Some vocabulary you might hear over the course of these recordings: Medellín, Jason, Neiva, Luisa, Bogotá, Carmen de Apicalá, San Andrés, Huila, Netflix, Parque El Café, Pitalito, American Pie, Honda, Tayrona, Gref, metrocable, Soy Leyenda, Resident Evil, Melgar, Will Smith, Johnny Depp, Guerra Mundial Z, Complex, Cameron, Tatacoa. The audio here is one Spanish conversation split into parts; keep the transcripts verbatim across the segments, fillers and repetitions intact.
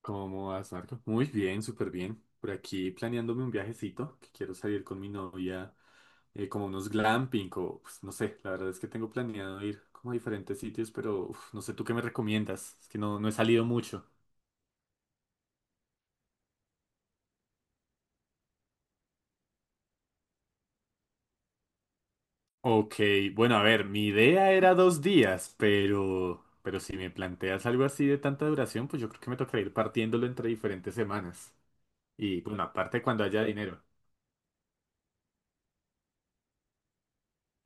¿Cómo vas, Marco? Muy bien, súper bien. Por aquí planeándome un viajecito que quiero salir con mi novia, eh, como unos glamping o pues, no sé, la verdad es que tengo planeado ir como a diferentes sitios, pero uf, no sé tú qué me recomiendas. Es que no, no he salido mucho. Ok, bueno, a ver, mi idea era dos días, pero, pero si me planteas algo así de tanta duración, pues yo creo que me tocará ir partiéndolo entre diferentes semanas. Y bueno, aparte cuando haya dinero.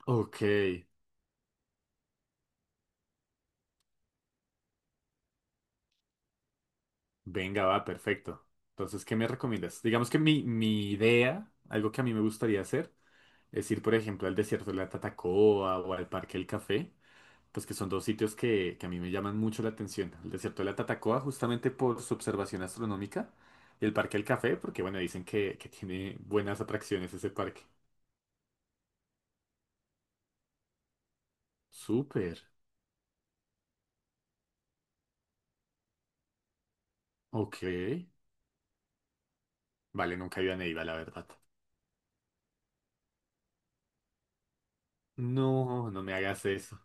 Ok. Venga, va, perfecto. Entonces, ¿qué me recomiendas? Digamos que mi, mi idea, algo que a mí me gustaría hacer, es ir, por ejemplo, al desierto de la Tatacoa o al Parque El Café, pues que son dos sitios que, que a mí me llaman mucho la atención. El desierto de la Tatacoa justamente por su observación astronómica y el Parque El Café porque, bueno, dicen que, que tiene buenas atracciones ese parque. Súper. Ok. Vale, nunca he ido a Neiva, la verdad. No, no me hagas eso.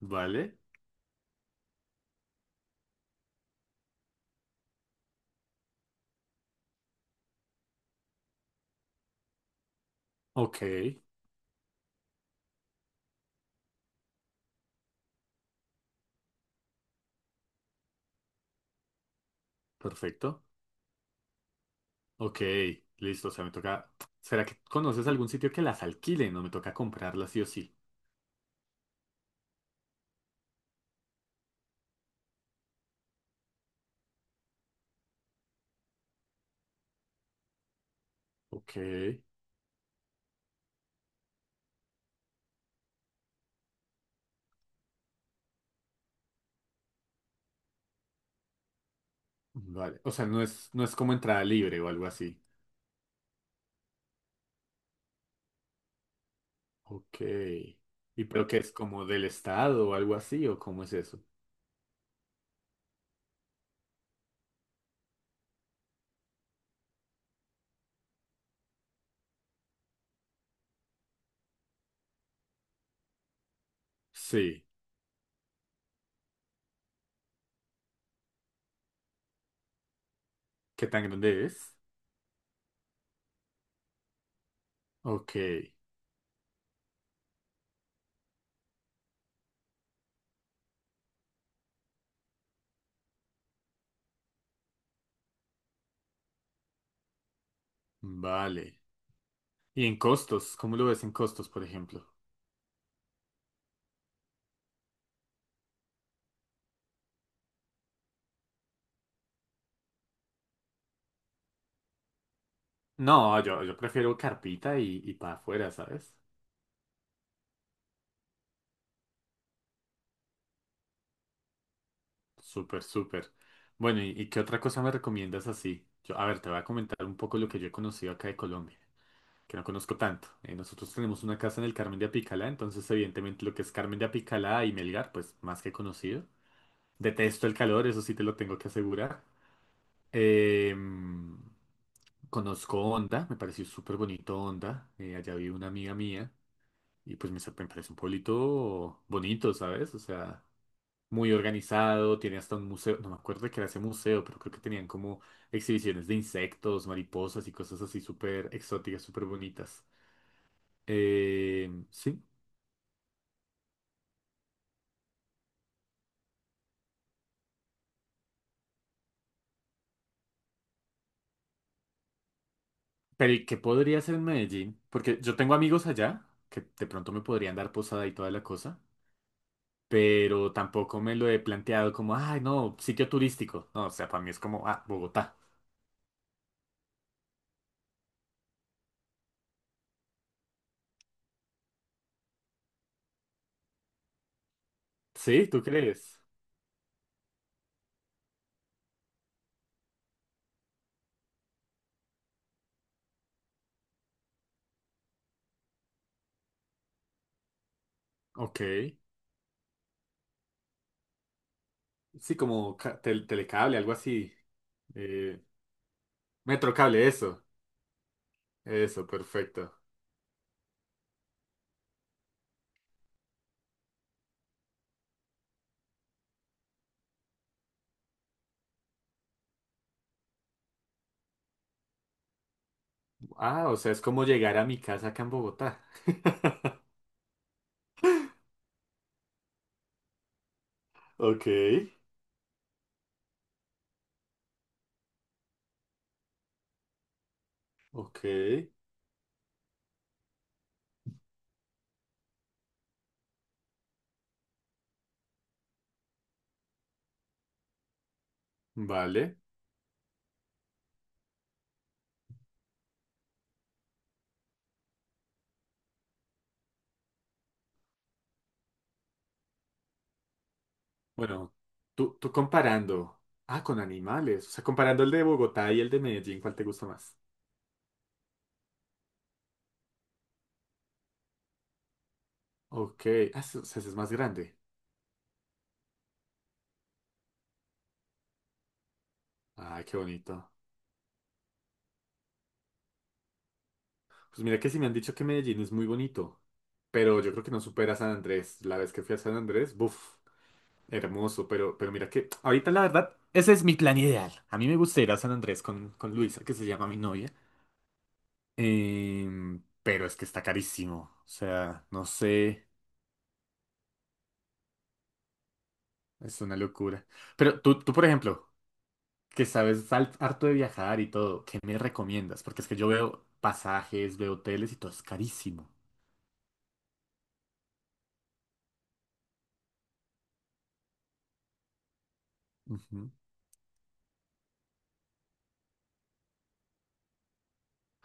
¿Vale? Ok, perfecto. Ok, listo, o sea, me toca... ¿Será que conoces algún sitio que las alquile? No me toca comprarlas sí o sí. Ok, vale. O sea, no es, no es como entrada libre o algo así. Ok. ¿Y pero qué es como del estado o algo así o cómo es eso? Sí. ¿Qué tan grande es? Ok, vale. ¿Y en costos? ¿Cómo lo ves en costos, por ejemplo? No, yo, yo prefiero carpita y, y para afuera, ¿sabes? Súper, súper. Bueno, ¿y, y qué otra cosa me recomiendas así? Yo, a ver, te voy a comentar un poco lo que yo he conocido acá de Colombia, que no conozco tanto. Eh, nosotros tenemos una casa en el Carmen de Apicalá, entonces evidentemente lo que es Carmen de Apicalá y Melgar, pues más que conocido. Detesto el calor, eso sí te lo tengo que asegurar. Em, Conozco Honda, me pareció súper bonito Honda. Eh, allá vive una amiga mía y pues me, sa- me parece un pueblito bonito, ¿sabes? O sea muy organizado, tiene hasta un museo, no me acuerdo de qué era ese museo, pero creo que tenían como exhibiciones de insectos, mariposas y cosas así súper exóticas, súper bonitas. Eh, sí, pero ¿y qué podría hacer en Medellín? Porque yo tengo amigos allá que de pronto me podrían dar posada y toda la cosa, pero tampoco me lo he planteado como, ay, no, sitio turístico. No, o sea, para mí es como, ah, Bogotá. ¿Sí? ¿Tú crees? Ok. Sí, como ca- tel- telecable, algo así. Eh, metrocable, eso. Eso, perfecto. Ah, o sea, es como llegar a mi casa acá en Bogotá. Ok, ok, vale. Bueno, tú, tú comparando. Ah, con animales. O sea, comparando el de Bogotá y el de Medellín, ¿cuál te gusta más? Ok, ah, se- o sea, ese es más grande. Ay, qué bonito. Pues mira que sí me han dicho que Medellín es muy bonito, pero yo creo que no supera San Andrés. La vez que fui a San Andrés, buf, hermoso, pero, pero mira que ahorita la verdad, ese es mi plan ideal. A mí me gusta ir a San Andrés con, con Luisa, que se llama mi novia. Em, pero es que está carísimo. O sea, no sé, es una locura. Pero tú, tú, por ejemplo, que sabes al- harto de viajar y todo, ¿qué me recomiendas? Porque es que yo veo pasajes, veo hoteles y todo es carísimo. Ujú.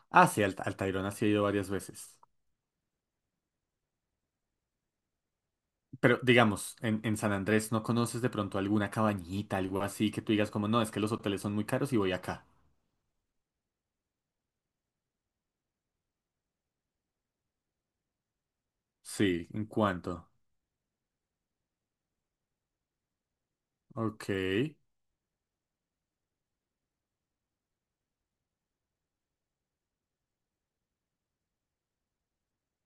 Ah, sí, al, al Tayrona sí he ido varias veces. Pero digamos, en, en San Andrés, ¿no conoces de pronto alguna cabañita, algo así, que tú digas como, no, es que los hoteles son muy caros y voy acá? Sí, ¿en cuánto? Ok.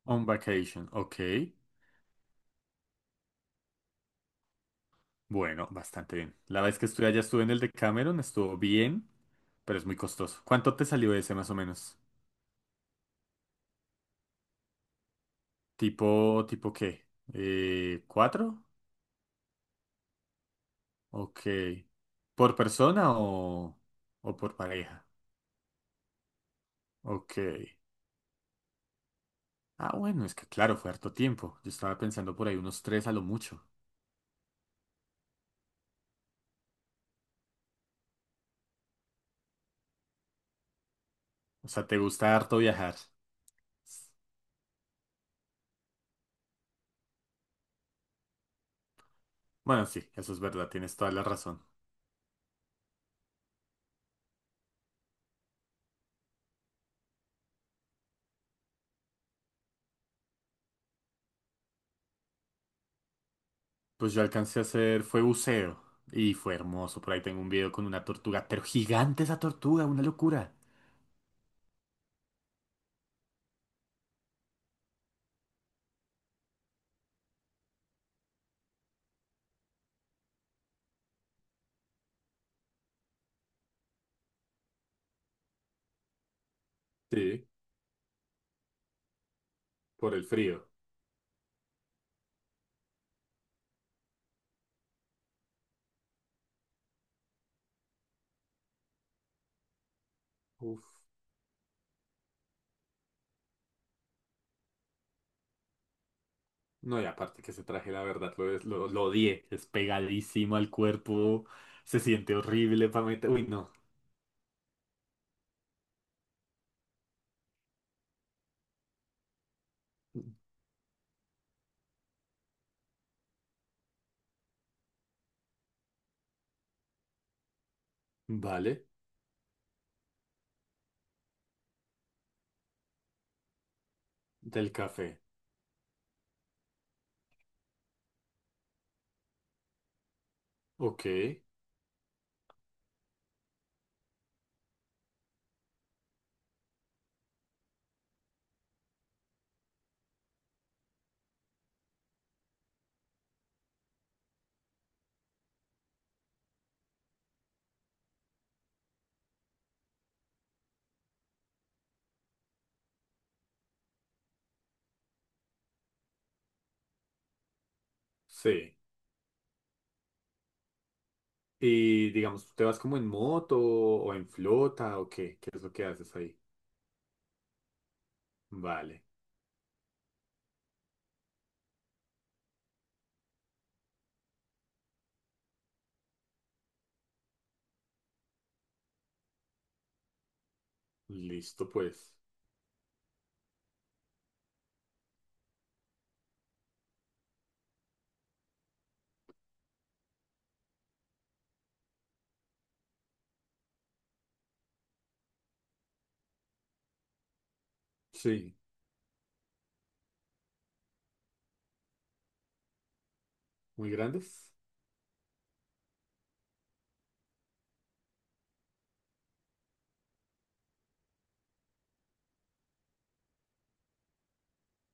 On vacation, ok. Bueno, bastante bien. La vez que estuve allá estuve en el de Cameron, estuvo bien, pero es muy costoso. ¿Cuánto te salió ese más o menos? ¿Tipo, tipo qué? Eh, ¿cuatro? Ok. ¿Por persona o, o por pareja? Ok. Ah, bueno, es que claro, fue harto tiempo. Yo estaba pensando por ahí unos tres a lo mucho. O sea, ¿te gusta harto viajar? Bueno, sí, eso es verdad, tienes toda la razón. Pues yo alcancé a hacer, fue buceo y fue hermoso. Por ahí tengo un video con una tortuga, pero gigante esa tortuga, una locura. Sí, por el frío. Uf, no, y aparte que ese traje, la verdad, lo, es- lo, lo odié. Es pegadísimo al cuerpo, se siente horrible para meter. Uy, no. Vale, del café. Ok, sí. Y digamos, ¿tú te vas como en moto o en flota o qué? ¿Qué es lo que haces ahí? Vale, listo pues. Sí, muy grandes.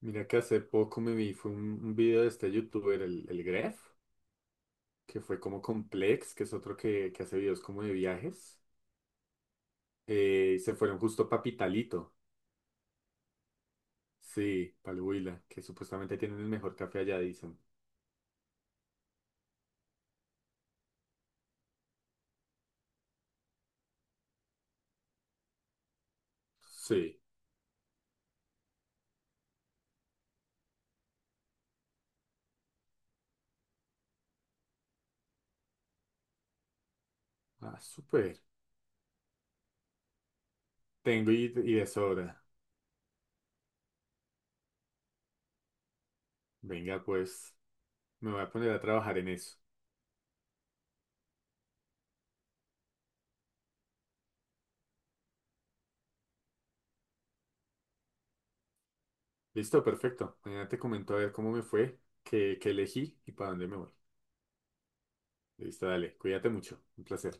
Mira que hace poco me vi, fue un, un video de este youtuber, el, el Gref, que fue como Complex, que es otro que, que hace videos como de viajes, eh, y se fueron justo para Pitalito, sí, para el Huila, que supuestamente tienen el mejor café allá, dicen. Sí, ah, súper. Tengo y, y de sobra. Venga, pues, me voy a poner a trabajar en eso. Listo, perfecto. Mañana te comento a ver cómo me fue, qué, qué elegí y para dónde me voy. Listo, dale, cuídate mucho, un placer.